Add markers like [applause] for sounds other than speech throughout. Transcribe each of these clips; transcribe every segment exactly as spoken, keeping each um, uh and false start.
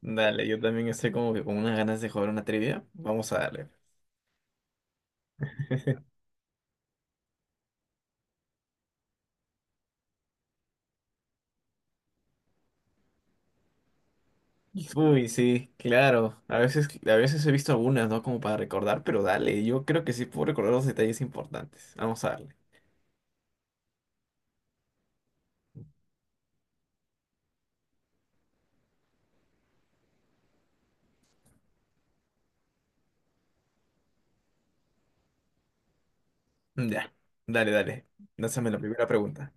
Dale, yo también estoy como que con unas ganas de jugar una trivia. Vamos a darle. Uy, sí, claro. A veces, a veces he visto algunas, ¿no? Como para recordar, pero dale, yo creo que sí puedo recordar los detalles importantes. Vamos a darle. Ya, dale, dale. Lánzame la primera pregunta.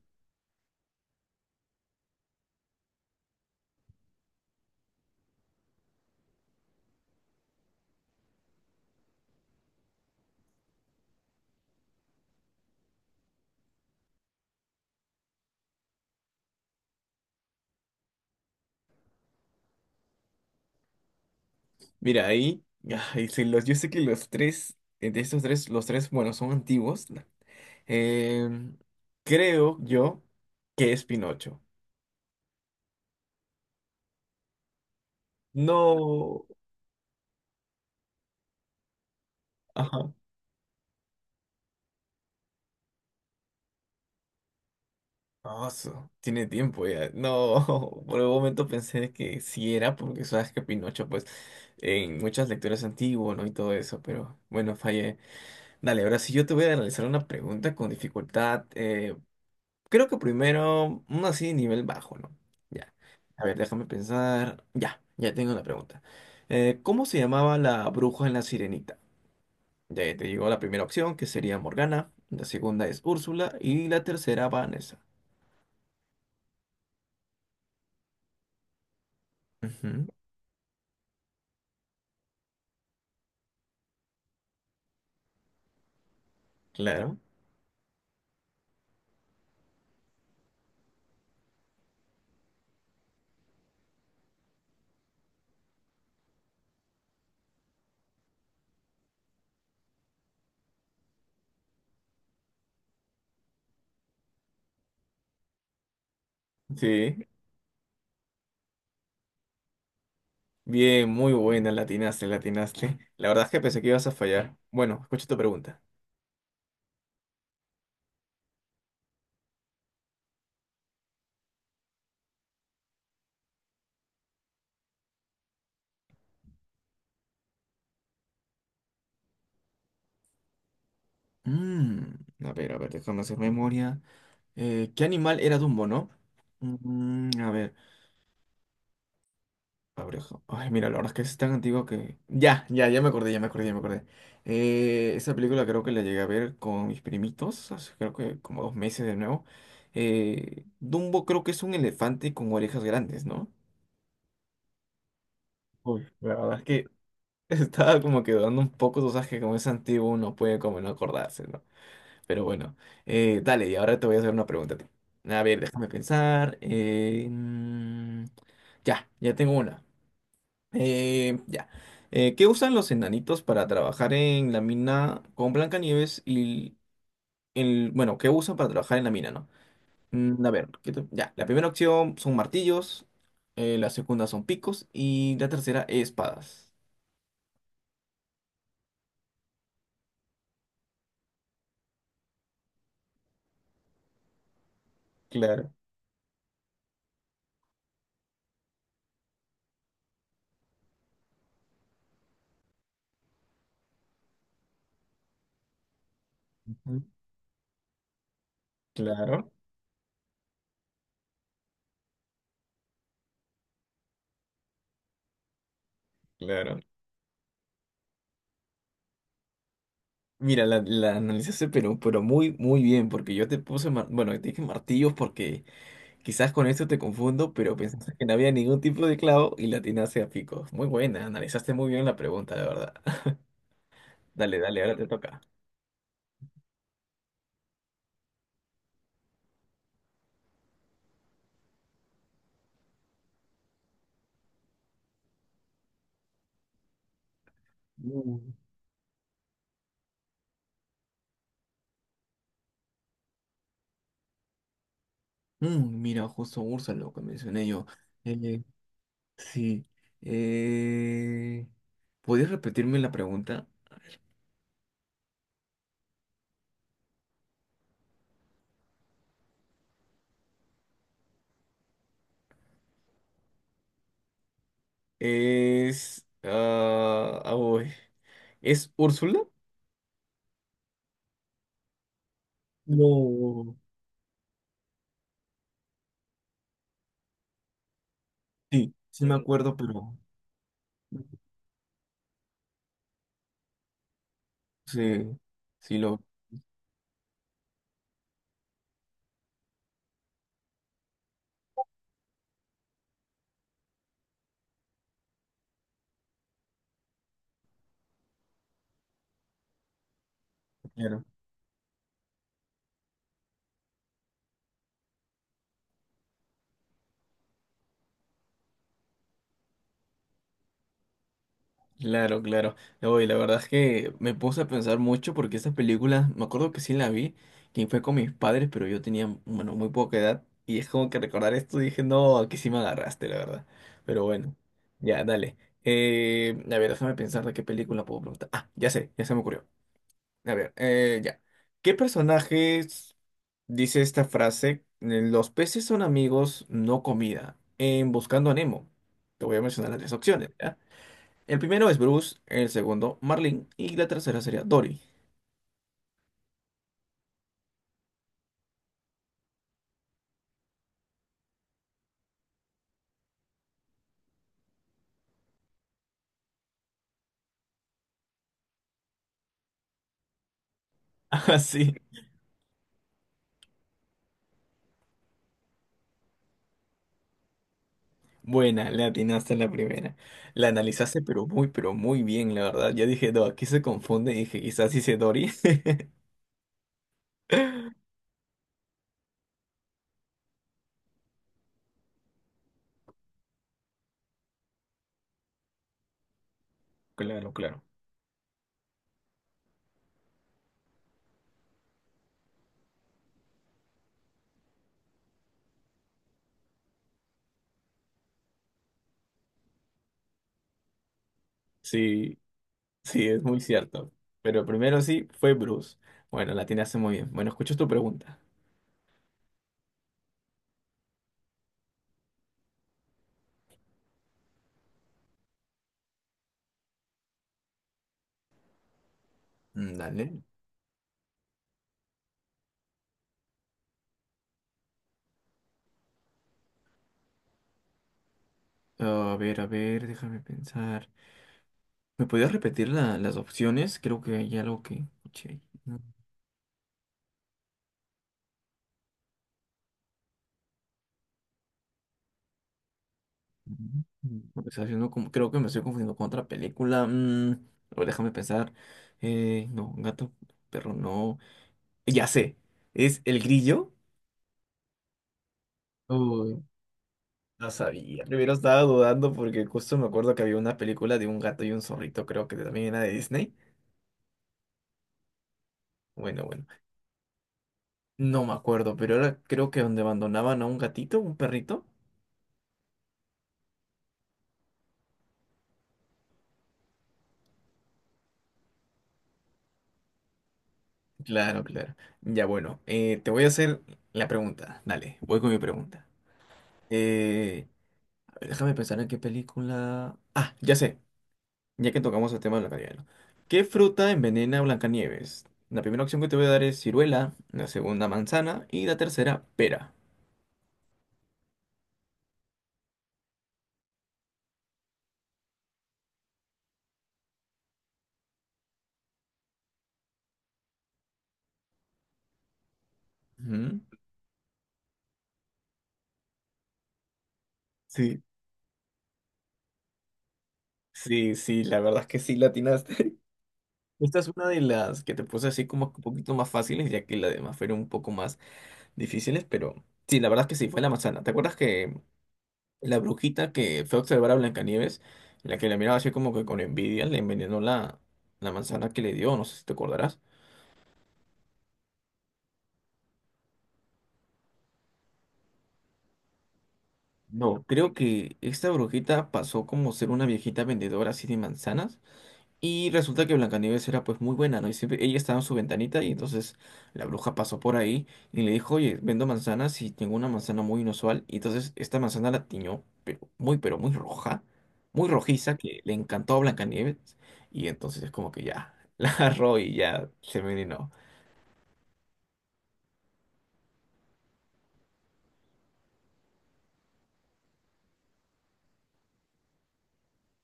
Mira, ahí, ay, sí, los, yo sé que los tres, entre estos tres, los tres, bueno, son antiguos. No. Em, Creo yo que es Pinocho. No. Ah, su- Tiene tiempo ya. No, [laughs] por un momento pensé que sí era, porque sabes que Pinocho, pues, en muchas lecturas antiguas, ¿no? Y todo eso, pero bueno, fallé. Dale, ahora sí yo te voy a analizar una pregunta con dificultad. Eh, creo que primero, uno así, nivel bajo, ¿no? Ya. A ver, déjame pensar. Ya, ya tengo la pregunta. Eh, ¿cómo se llamaba la bruja en la Sirenita? Ya te digo la primera opción, que sería Morgana. La segunda es Úrsula. Y la tercera, Vanessa. Ujú, claro. Sí, bien, muy buena, latinaste, latinaste. La verdad es que pensé que ibas a fallar. Bueno, escucha tu pregunta. Mm, a ver, a ver, déjame hacer memoria. Eh, ¿qué animal era Dumbo, no? Mm, a ver, abreja. Ay, mira, la verdad es que es tan antiguo que... ya, ya, ya me acordé, ya me acordé, ya me acordé. Eh, esa película creo que la llegué a ver con mis primitos, hace creo que como dos meses de nuevo. Eh, Dumbo creo que es un elefante con orejas grandes, ¿no? Uy, la verdad es que [laughs] estaba como que dudando un poco, tú sabes que como es antiguo uno puede como no acordarse, ¿no? Pero bueno, eh, dale, y ahora te voy a hacer una pregunta a ti. A ver, déjame pensar. Eh, mm, ya, ya tengo una. Eh, ya. Eh, ¿qué usan los enanitos para trabajar en la mina con Blancanieves y el, bueno, qué usan para trabajar en la mina, ¿no? Mm, a ver, ¿qué te- ya, la primera opción son martillos, eh, la segunda son picos y la tercera espadas. Claro. Ujú, claro. Claro. Mira, la, la analizaste, pero, pero muy, muy bien, porque yo te puse, mar- bueno, te dije martillos porque quizás con esto te confundo, pero pensaste que no había ningún tipo de clavo y la atinaste a picos. Muy buena, analizaste muy bien la pregunta, de verdad. [laughs] Dale, dale, ahora te toca. Mm. Mm, mira, justo Ursa, lo que mencioné yo. Eh, sí. Eh, ¿Podrías repetirme la pregunta? Es... ah, ah, uy. ¿Es Úrsula? No, sí, sí me Mm, acuerdo, pero sí, sí lo... Claro. Claro, claro. No, y la verdad es que me puse a pensar mucho porque esas películas, me acuerdo que sí la vi, que fue con mis padres, pero yo tenía, bueno, muy poca edad. Y es como que recordar esto dije, no, aquí sí me agarraste, la verdad. Pero bueno, ya, dale. Eh, a ver, déjame pensar de qué película puedo preguntar. Ah, ya sé, ya se me ocurrió. A ver, eh, ya. ¿Qué personajes dice esta frase? Los peces son amigos, no comida. En Buscando a Nemo. Te voy a mencionar las tres opciones, ¿ya? El primero es Bruce, el segundo Marlin y la tercera sería Dory. [laughs] Ah, sí. Buena, le atinaste en la primera. La analizaste, pero muy, pero muy bien, la verdad. Ya dije, no, aquí se confunde. Dije, quizás dice Dory. [laughs] Claro, claro. Sí. Sí, es muy cierto. Pero primero sí, fue Bruce. Bueno, la hace muy bien. Bueno, escucho tu pregunta. Mm, Dale. A ver, a ver, déjame pensar. ¿Me podías repetir la- las opciones. Creo que hay algo que escuché ahí, ¿no? Me está haciendo como- creo que me estoy confundiendo con otra película. Mm, a ver, déjame pensar. Eh, no, gato, perro, no. Ya sé. ¿Es El Grillo? No sabía, primero estaba dudando porque justo me acuerdo que había una película de un gato y un zorrito, creo que también era de Disney. Bueno, bueno, no me acuerdo, pero era creo que donde abandonaban a un gatito, un perrito. Claro, claro. Ya bueno, eh, te voy a hacer la pregunta. Dale, voy con mi pregunta. Eh, a ver, déjame pensar en qué película. Ah, ya sé, ya que tocamos el tema de Blancanieves. ¿Qué fruta envenena a Blancanieves? La primera opción que te voy a dar es ciruela, la segunda manzana y la tercera pera. Ujú. Sí. Sí, sí, la verdad es que sí, latinaste. [laughs] Esta es una de las que te puse así como que un poquito más fáciles, ya que las demás fueron un poco más difíciles, pero sí, la verdad es que sí, fue la manzana. ¿Te acuerdas que la brujita que fue a observar a Blancanieves, la que la miraba así como que con envidia, le envenenó la, la manzana que le dio? No sé si te acordarás. No, creo que esta brujita pasó como ser una viejita vendedora así de manzanas. Y resulta que Blancanieves era pues muy buena, ¿no? Y siempre ella estaba en su ventanita y entonces la bruja pasó por ahí y le dijo, oye, vendo manzanas y tengo una manzana muy inusual. Y entonces esta manzana la tiñó, pero muy, pero muy roja, muy rojiza, que le encantó a Blancanieves. Y entonces es como que ya, [laughs] la agarró y ya se envenenó.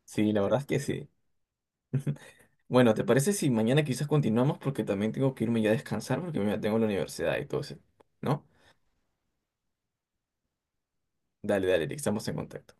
Sí, la verdad es que sí. Bueno, ¿te parece si mañana quizás continuamos? Porque también tengo que irme ya a descansar porque mañana tengo la universidad y todo eso, ¿no? Dale, dale, Eric, estamos en contacto.